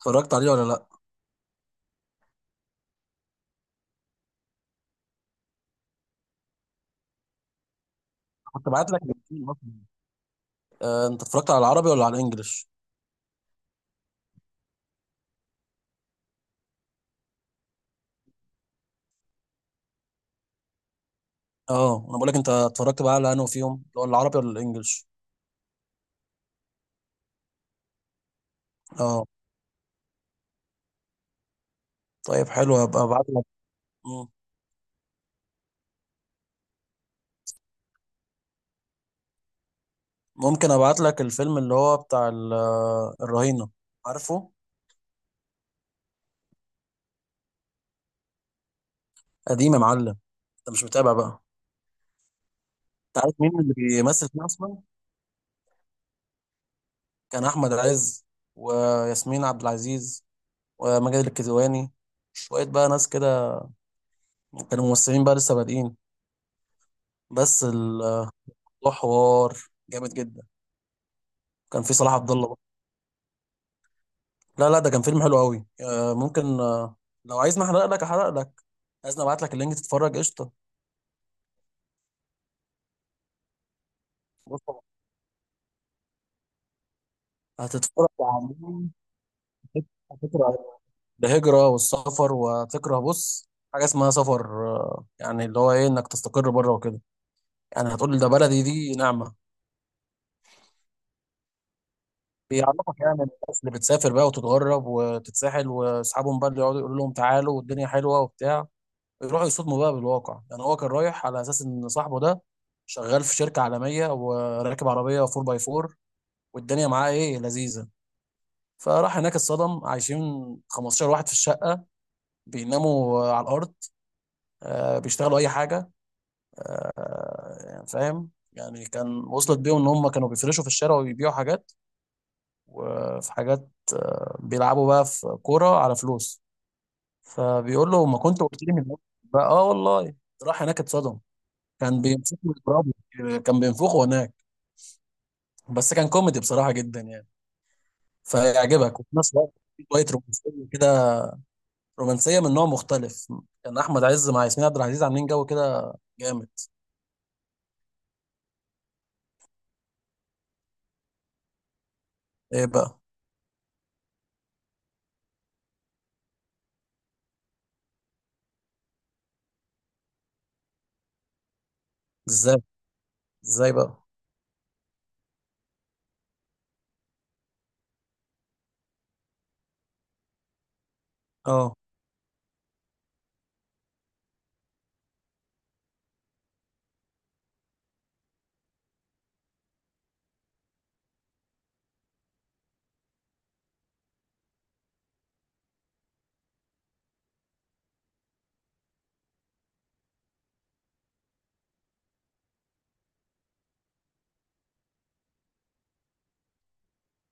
اتفرجت عليه ولا لا؟ كنت بعت لك الاثنين اصلا. انت اتفرجت على العربي ولا على الانجليش؟ اه، انا بقول لك انت اتفرجت بقى على انه فيهم اللي هو العربي ولا الانجليش؟ اه، طيب حلو، هبقى ابعت لك. مم. ممكن ابعت لك الفيلم اللي هو بتاع الرهينه، عارفه؟ قديم يا معلم، انت مش متابع بقى. انت عارف مين اللي بيمثل فيه اصلا؟ كان احمد عز وياسمين عبد العزيز وماجد الكدواني، شويه بقى ناس كده، كانوا ممثلين بقى لسه بادئين. بس الموضوع حوار جامد جدا. كان في صلاح عبد الله. لا لا، ده كان فيلم حلو قوي. ممكن، لو عايزني احرق لك احرق لك، عايزني ابعت لك اللينك تتفرج قشطه. بص، هتتفرج عن هتكره الهجره والسفر، وهتكره بص حاجه اسمها سفر. يعني اللي هو ايه انك تستقر بره وكده. يعني هتقول ده بلدي، دي نعمه. بيعرفك يعني الناس اللي بتسافر بقى وتتغرب وتتساحل، واصحابهم بقى اللي يقعدوا يقولوا لهم تعالوا والدنيا حلوه وبتاع، يروحوا يصدموا بقى بالواقع. يعني هو كان رايح على اساس ان صاحبه ده شغال في شركه عالميه وراكب عربيه 4 باي 4، والدنيا معاه ايه لذيذه. فراح هناك، اتصدم عايشين 15 واحد في الشقه، بيناموا على الارض، بيشتغلوا اي حاجه. يعني فاهم، يعني كان وصلت بيهم ان هم كانوا بيفرشوا في الشارع وبيبيعوا حاجات، وفي حاجات، بيلعبوا بقى في كوره على فلوس. فبيقول له: ما كنت قلت لي من الأول بقى. اه والله، راح هناك اتصدم، كان بيمسكه ويضربه، كان بينفخه هناك. بس كان كوميدي بصراحة جدا يعني، فيعجبك. وفي نفس الوقت في شوية رومانسية كده، رومانسية من نوع مختلف. كان أحمد عز مع ياسمين عبد العزيز عاملين جو كده جامد. إيه بقى؟ إزاي؟ إزاي بقى؟ أه.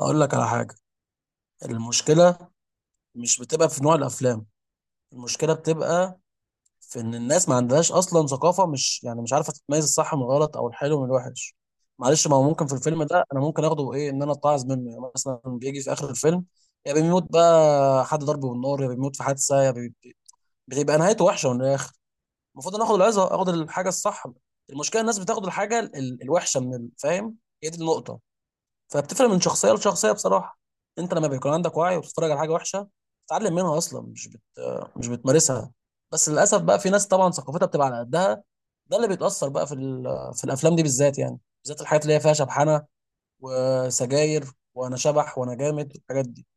أقول لك على حاجة: المشكلة مش بتبقى في نوع الأفلام، المشكلة بتبقى في ان الناس ما عندهاش اصلا ثقافه، مش عارفه تتميز الصح من الغلط او الحلو من الوحش. معلش، ما هو ممكن في الفيلم ده انا ممكن اخده ايه، ان انا اتعظ منه. يعني مثلا بيجي في اخر الفيلم يا بيموت بقى حد ضربه بالنار، يا بيموت في حادثه، يا بي... بتبقى نهايته وحشه من الاخر. المفروض انا اخد العظه، اخد الحاجه الصح. المشكله الناس بتاخد الحاجه الوحشه من فاهم؟ هي دي النقطه. فبتفرق من شخصيه لشخصيه بصراحه. انت لما بيكون عندك وعي وبتتفرج على حاجه وحشه، بتتعلم منها اصلا، مش بتمارسها. بس للاسف بقى في ناس طبعا ثقافتها بتبقى على قدها، ده اللي بيتاثر بقى في في الافلام دي بالذات يعني. بالذات الحاجات اللي هي فيها شبحنه وسجاير، وانا شبح وانا جامد، الحاجات دي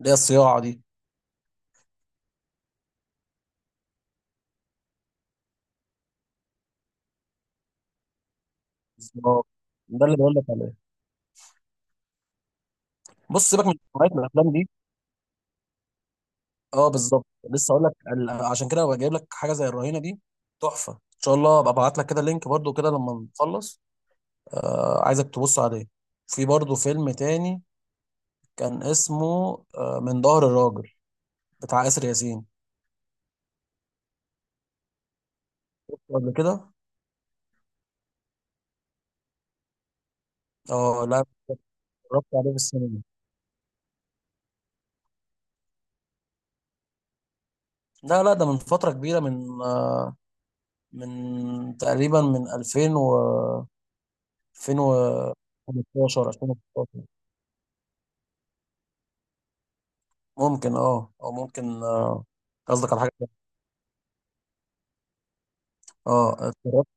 اللي هي الصياعه دي. بالظبط، ده اللي بقول لك عليه. بص، سيبك من نوعيه من الافلام دي. اه بالظبط، لسه اقول لك. عشان كده بجيب لك حاجه زي الرهينه دي، تحفه ان شاء الله. ابقى ابعت لك كده لينك برضو كده لما نخلص، عايزك تبص عليه. في برضه فيلم تاني كان اسمه من ظهر الراجل، بتاع آسر ياسين. قبل كده، اه لا، اتفرجت عليه في السينما. لا لا، ده من فترة كبيرة، من تقريبا من 2000 و 2015 2016، ممكن. اه او ممكن، قصدك على حاجة تانية. اه اتفرجت.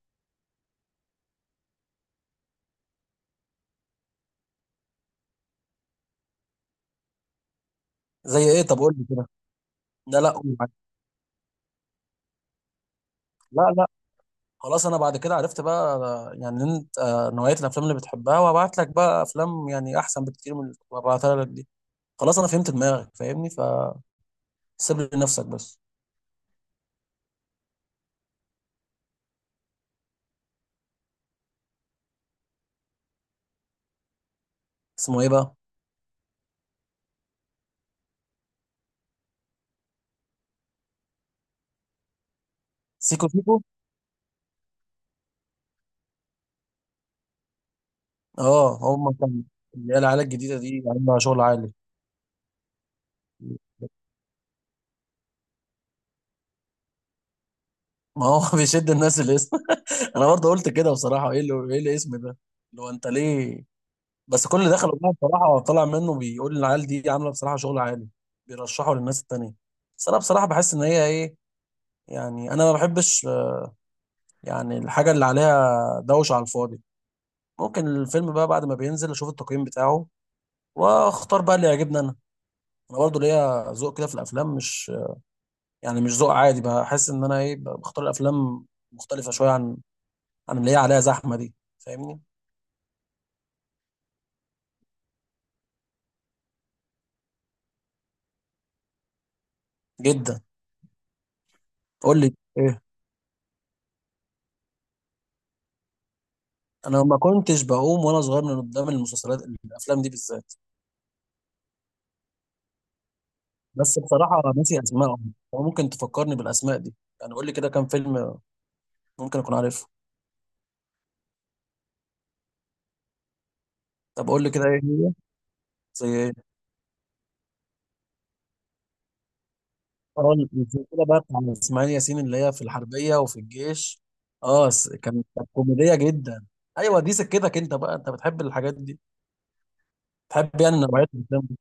زي ايه طب؟ قول لي كده. لا لا، قول معاك. لا، خلاص انا بعد كده عرفت بقى يعني انت نوعيه الافلام اللي بتحبها، وابعت لك بقى افلام يعني احسن بكتير من اللي كنت ببعتها لك دي. خلاص انا فهمت دماغك، فاهمني، فسيب لي نفسك بس. اسمه ايه بقى؟ سيكو سيكو؟ اه هم كان، اللي هي العيال الجديده دي عندها شغل عالي. ما هو بيشد الناس الاسم. انا برضه قلت كده بصراحه: ايه اللي ايه الاسم ده؟ اللي هو انت ليه؟ بس كل اللي دخل والله بصراحه طلع منه بيقول العيال دي عامله بصراحه شغل عالي، بيرشحوا للناس التانيه. بس انا بصراحه بحس ان هي ايه، يعني انا ما بحبش، يعني الحاجه اللي عليها دوشه على الفاضي. ممكن الفيلم بقى بعد ما بينزل اشوف التقييم بتاعه واختار بقى اللي يعجبني انا. انا برضو ليا ذوق كده في الافلام، مش يعني مش ذوق عادي. بحس ان انا ايه، بختار الافلام مختلفه شويه عن اللي هي عليها زحمه دي. فاهمني؟ جدا. قول لي ايه. انا ما كنتش بقوم وانا صغير من قدام المسلسلات الافلام دي بالذات. بس بصراحه ناسي اسمائهم، ممكن تفكرني بالاسماء دي، يعني قول لي كده كام فيلم ممكن اكون عارفه. طب قول لي كده، ايه هي؟ زي إيه؟ اه السلسله بقى بتاع اسماعيل ياسين اللي هي في الحربيه وفي الجيش. اه، كانت كوميديه جدا. ايوه، دي سكتك انت بقى، انت بتحب الحاجات دي، بتحب يعني نوعيه الافلام دي.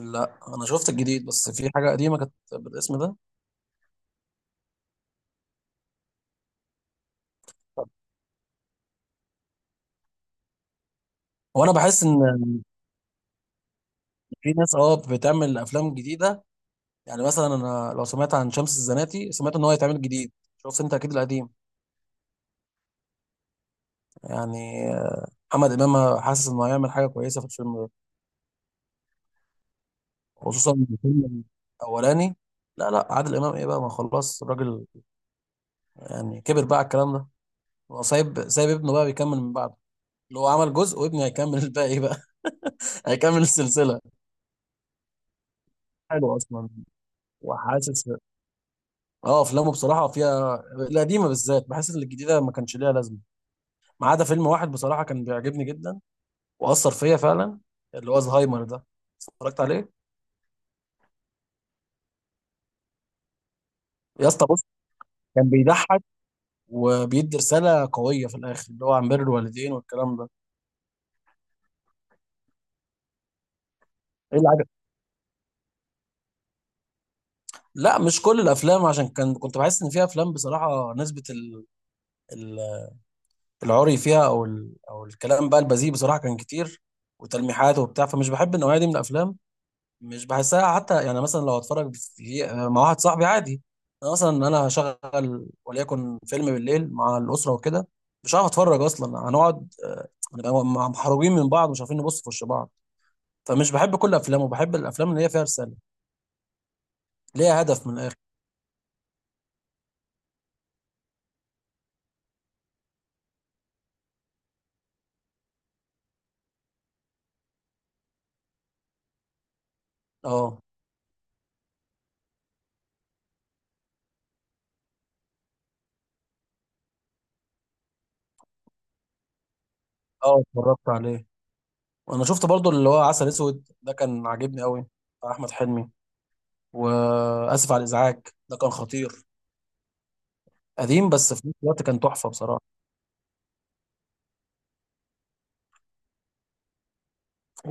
لا انا شفت الجديد، بس في حاجه قديمه كانت بالاسم ده. وانا بحس ان في ناس اه بتعمل افلام جديده، يعني مثلا انا لو سمعت عن شمس الزناتي سمعت ان هو هيتعمل جديد، شفت انت اكيد القديم. يعني محمد امام حاسس انه هيعمل حاجه كويسه في الفيلم ده، خصوصا إن الفيلم الاولاني. لا لا، عادل امام ايه بقى، ما خلاص الراجل، يعني كبر بقى على الكلام ده. هو سايب ابنه بقى بيكمل من بعده، اللي هو عمل جزء وابنه هيكمل الباقي بقى. هيكمل السلسله. حلو اصلا، وحاسس. اه، افلامه بصراحه فيها، القديمه بالذات، بحس ان الجديده ما كانش ليها لازمه. ما عدا فيلم واحد بصراحه كان بيعجبني جدا واثر فيا فعلا، اللي هو زهايمر ده، اتفرجت عليه؟ يا اسطى بص، كان بيضحك وبيدي رساله قويه في الاخر اللي هو عن بر الوالدين والكلام ده. ايه اللي؟ لا مش كل الافلام، عشان كنت بحس ان فيها افلام بصراحه نسبه ال... العري فيها، او الكلام بقى البذيء بصراحه كان كتير، وتلميحات وبتاع. فمش بحب النوعيه دي من الافلام، مش بحسها حتى. يعني مثلا لو اتفرج مع واحد صاحبي عادي، انا مثلا انا هشغل وليكن فيلم بالليل مع الاسره وكده، مش هعرف اتفرج اصلا. هنقعد، هنبقى محروجين من بعض، مش عارفين نبص في وش بعض. فمش بحب كل الافلام، وبحب الافلام اللي هي فيها رساله، ليها هدف من الاخر. اه. اه اتفرجت عليه، وانا شفت برضو اللي هو عسل اسود ده كان عاجبني قوي، بتاع احمد حلمي. واسف على الازعاج، ده كان خطير، قديم بس في نفس الوقت كان تحفه بصراحه.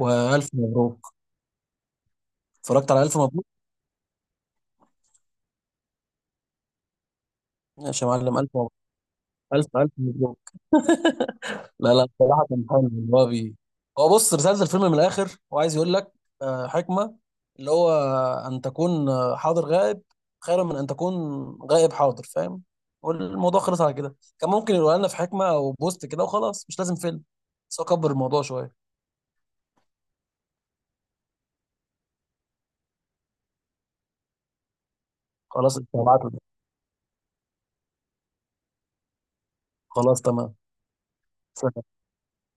والف مبروك. اتفرجت على الف مبروك؟ ماشي يا معلم، الف مبروك، الف مبروك. لا لا، بصراحة كان حلو. إن هو بي، هو بص، رسالة الفيلم من الآخر هو عايز يقول لك حكمة، اللي هو أن تكون حاضر غائب خير من أن تكون غائب حاضر، فاهم؟ والموضوع خلص على كده. كان ممكن يقولها لنا في حكمة أو بوست كده وخلاص، مش لازم فيلم. بس هو كبر الموضوع شوية. خلاص أنت، هبعت لك. خلاص تمام.